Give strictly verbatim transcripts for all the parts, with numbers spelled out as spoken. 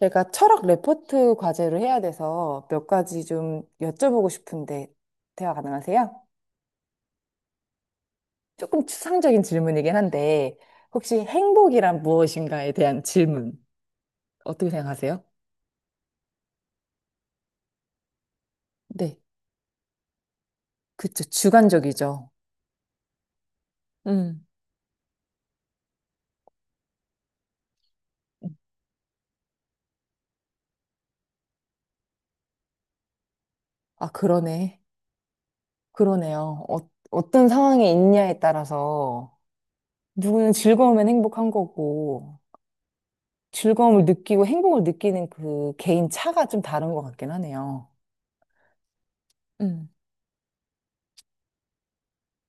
제가 철학 레포트 과제를 해야 돼서 몇 가지 좀 여쭤보고 싶은데 대화 가능하세요? 조금 추상적인 질문이긴 한데 혹시 행복이란 무엇인가에 대한 질문 어떻게 생각하세요? 네, 그쵸. 주관적이죠. 음, 아, 그러네. 그러네요. 어, 어떤 상황에 있냐에 따라서 누구는 즐거우면 행복한 거고 즐거움을 느끼고 행복을 느끼는 그 개인 차가 좀 다른 것 같긴 하네요. 음.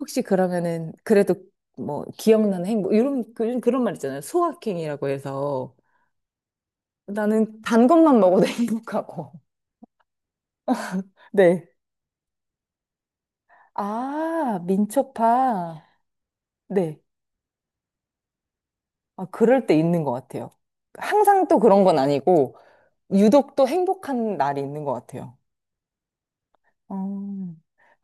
혹시 그러면은 그래도 뭐 기억나는 행복 뭐 이런 그- 그런 말 있잖아요. 소확행이라고 해서 나는 단 것만 먹어도 행복하고. 네. 아, 민초파. 네. 아, 그럴 때 있는 것 같아요. 항상 또 그런 건 아니고 유독 또 행복한 날이 있는 것 같아요. 어,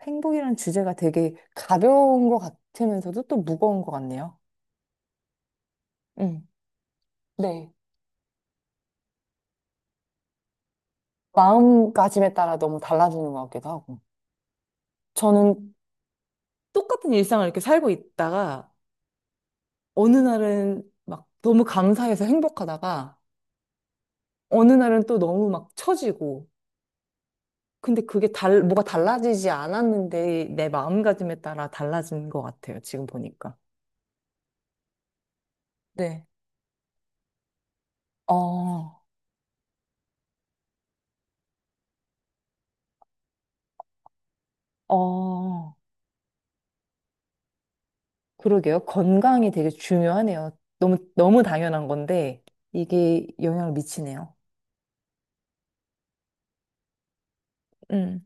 행복이라는 주제가 되게 가벼운 것 같으면서도 또 무거운 것 같네요. 음. 네. 마음가짐에 따라 너무 달라지는 것 같기도 하고. 저는 똑같은 일상을 이렇게 살고 있다가 어느 날은 막 너무 감사해서 행복하다가 어느 날은 또 너무 막 처지고 근데 그게 달, 뭐가 달라지지 않았는데 내 마음가짐에 따라 달라진 것 같아요. 지금 보니까. 네. 어, 어, 그러게요. 건강이 되게 중요하네요. 너무, 너무 당연한 건데 이게 영향을 미치네요. 음.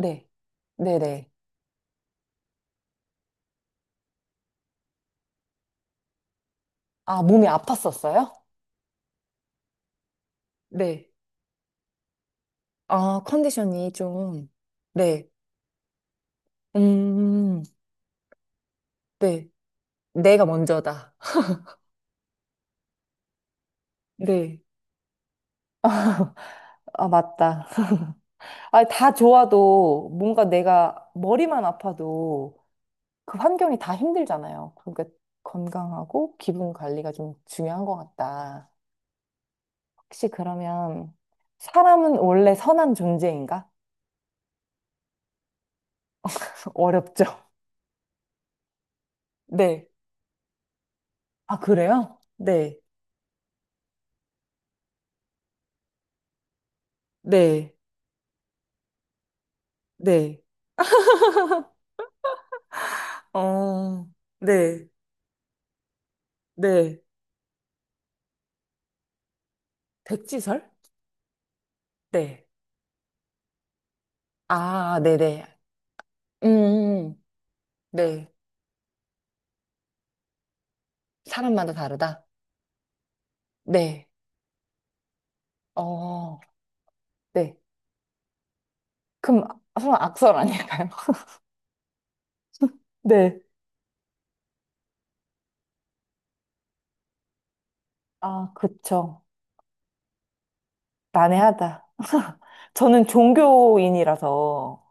네. 네네. 아, 몸이 아팠었어요? 네. 아, 컨디션이 좀. 네. 음, 네. 내가 먼저다. 네. 아, 맞다. 아, 다 좋아도 뭔가 내가 머리만 아파도 그 환경이 다 힘들잖아요. 그러니까 건강하고 기분 관리가 좀 중요한 것 같다. 혹시 그러면 사람은 원래 선한 존재인가? 어렵죠. 네. 아, 그래요? 네. 네. 네. 어, 네. 네. 백지설? 네. 아, 네네. 음, 네. 사람마다 다르다? 네. 어, 네. 그럼 아- 설마 악설 아닐까요? 네. 아, 그쵸. 난해하다. 저는 종교인이라서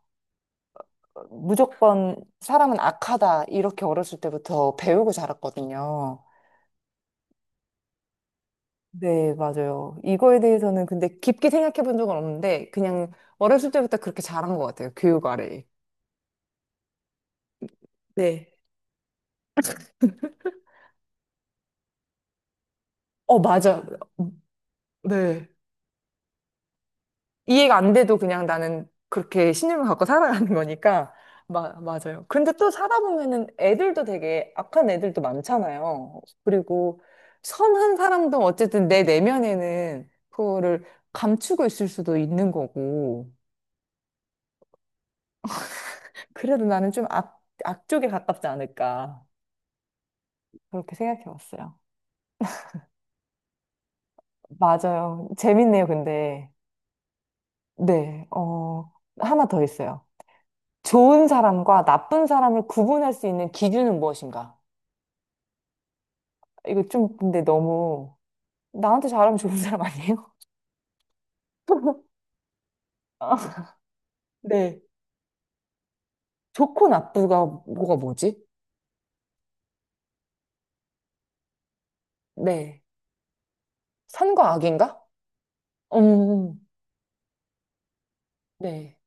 무조건 사람은 악하다 이렇게 어렸을 때부터 배우고 자랐거든요. 네, 맞아요. 이거에 대해서는 근데 깊게 생각해 본 적은 없는데 그냥 어렸을 때부터 그렇게 자란 것 같아요. 교육 아래. 네. 어, 맞아. 음, 네. 이해가 안 돼도 그냥 나는 그렇게 신념을 갖고 살아가는 거니까. 마, 맞아요. 근데 또 살아보면은 애들도 되게 악한 애들도 많잖아요. 그리고 선한 사람도 어쨌든 내 내면에는 그거를 감추고 있을 수도 있는 거고. 그래도 나는 좀 악, 악 쪽에 가깝지 않을까. 그렇게 생각해 봤어요. 맞아요. 재밌네요, 근데. 네, 어, 하나 더 있어요. 좋은 사람과 나쁜 사람을 구분할 수 있는 기준은 무엇인가? 이거 좀 근데 너무 나한테 잘하면 좋은 사람 아니에요? 아, 네. 좋고 나쁘가 뭐가 뭐지? 네. 선과 악인가? 음, 네.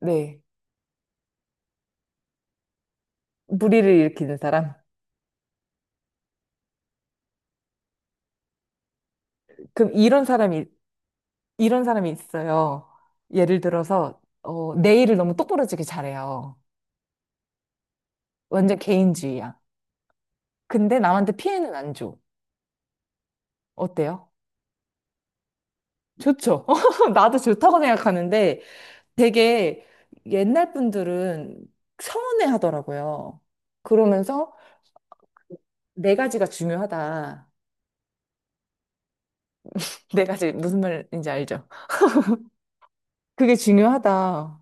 네. 무리를 일으키는 사람. 그럼 이런 사람이, 이런 사람이 있어요. 예를 들어서, 어, 내 일을 너무 똑부러지게 잘해요. 완전 개인주의야. 근데 남한테 피해는 안 줘. 어때요? 좋죠. 나도 좋다고 생각하는데, 되게 옛날 분들은 서운해 하더라고요. 그러면서 네 가지가 중요하다. 네 가지 무슨 말인지 알죠? 그게 중요하다.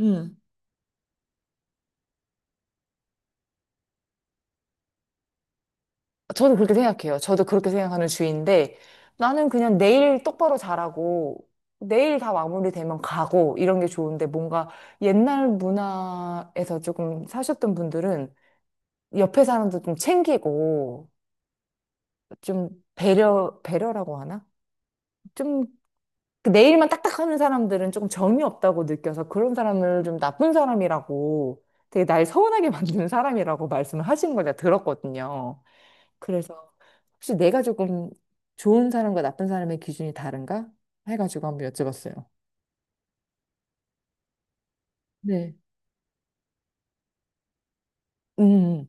음. 저도 그렇게 생각해요. 저도 그렇게 생각하는 주의인데 나는 그냥 내일 똑바로 잘하고 내일 다 마무리되면 가고 이런 게 좋은데 뭔가 옛날 문화에서 조금 사셨던 분들은 옆에 사람도 좀 챙기고 좀 배려 배려라고 하나? 좀 그 네일만 딱딱하는 사람들은 조금 정이 없다고 느껴서 그런 사람을 좀 나쁜 사람이라고 되게 날 서운하게 만드는 사람이라고 말씀을 하시는 걸 제가 들었거든요. 그래서 혹시 내가 조금 좋은 사람과 나쁜 사람의 기준이 다른가? 해가지고 한번 여쭤봤어요. 네. 음,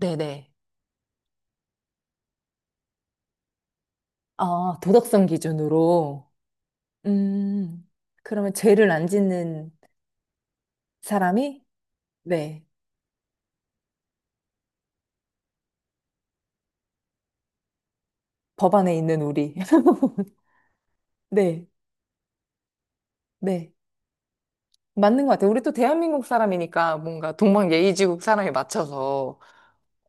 네네. 아, 도덕성 기준으로. 음, 그러면 죄를 안 짓는 사람이? 네. 법 안에 있는 우리. 네, 네. 맞는 것 같아요. 우리 또 대한민국 사람이니까 뭔가 동방 예의지국 사람에 맞춰서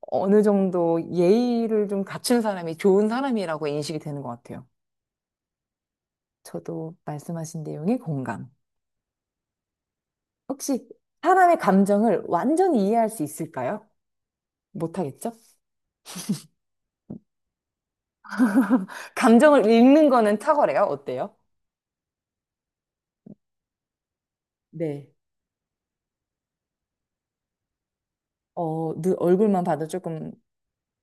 어느 정도 예의를 좀 갖춘 사람이 좋은 사람이라고 인식이 되는 것 같아요. 저도 말씀하신 내용이 공감. 혹시 사람의 감정을 완전히 이해할 수 있을까요? 못하겠죠? 감정을 읽는 거는 탁월해요. 어때요? 네. 어, 눈, 얼굴만 봐도 조금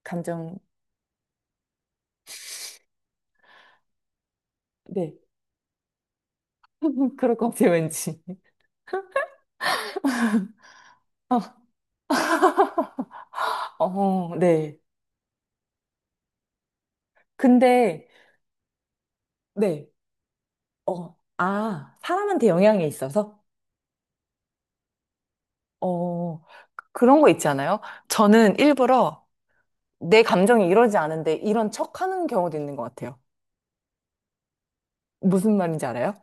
감정, 네. 그럴 것 같아요, 왠지. 어, 네. 근데, 네. 어, 아, 사람한테 영향이 있어서? 어, 그런 거 있지 않아요? 저는 일부러 내 감정이 이러지 않은데 이런 척 하는 경우도 있는 것 같아요. 무슨 말인지 알아요?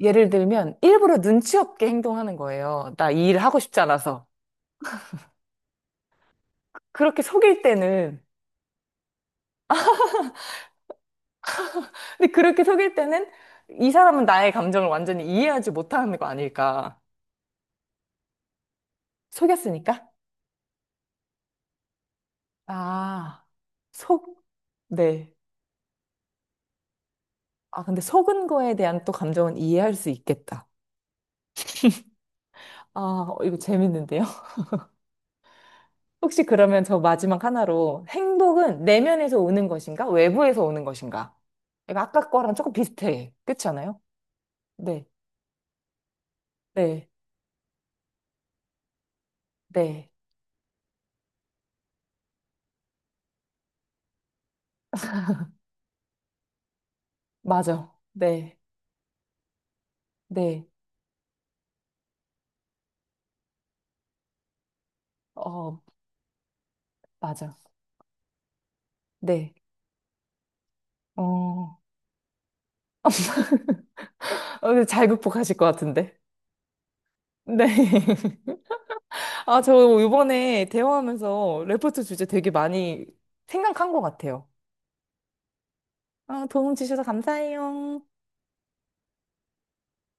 예를 들면 일부러 눈치 없게 행동하는 거예요. 나 이 일을 하고 싶지 않아서. 그렇게 속일 때는, 근데 그렇게 속일 때는 이 사람은 나의 감정을 완전히 이해하지 못하는 거 아닐까. 속였으니까? 아, 속, 네. 아, 근데 속은 거에 대한 또 감정은 이해할 수 있겠다. 아, 어, 이거 재밌는데요? 혹시 그러면 저 마지막 하나로 행복은 내면에서 오는 것인가? 외부에서 오는 것인가? 이거 아까 거랑 조금 비슷해. 그렇지 않아요? 네, 네, 네. 맞아. 네, 네. 어, 맞아. 네. 어, 어, 근데 잘 극복하실 것 같은데. 네. 아, 저 이번에 대화하면서 레포트 주제 되게 많이 생각한 것 같아요. 아, 도움 주셔서 감사해요.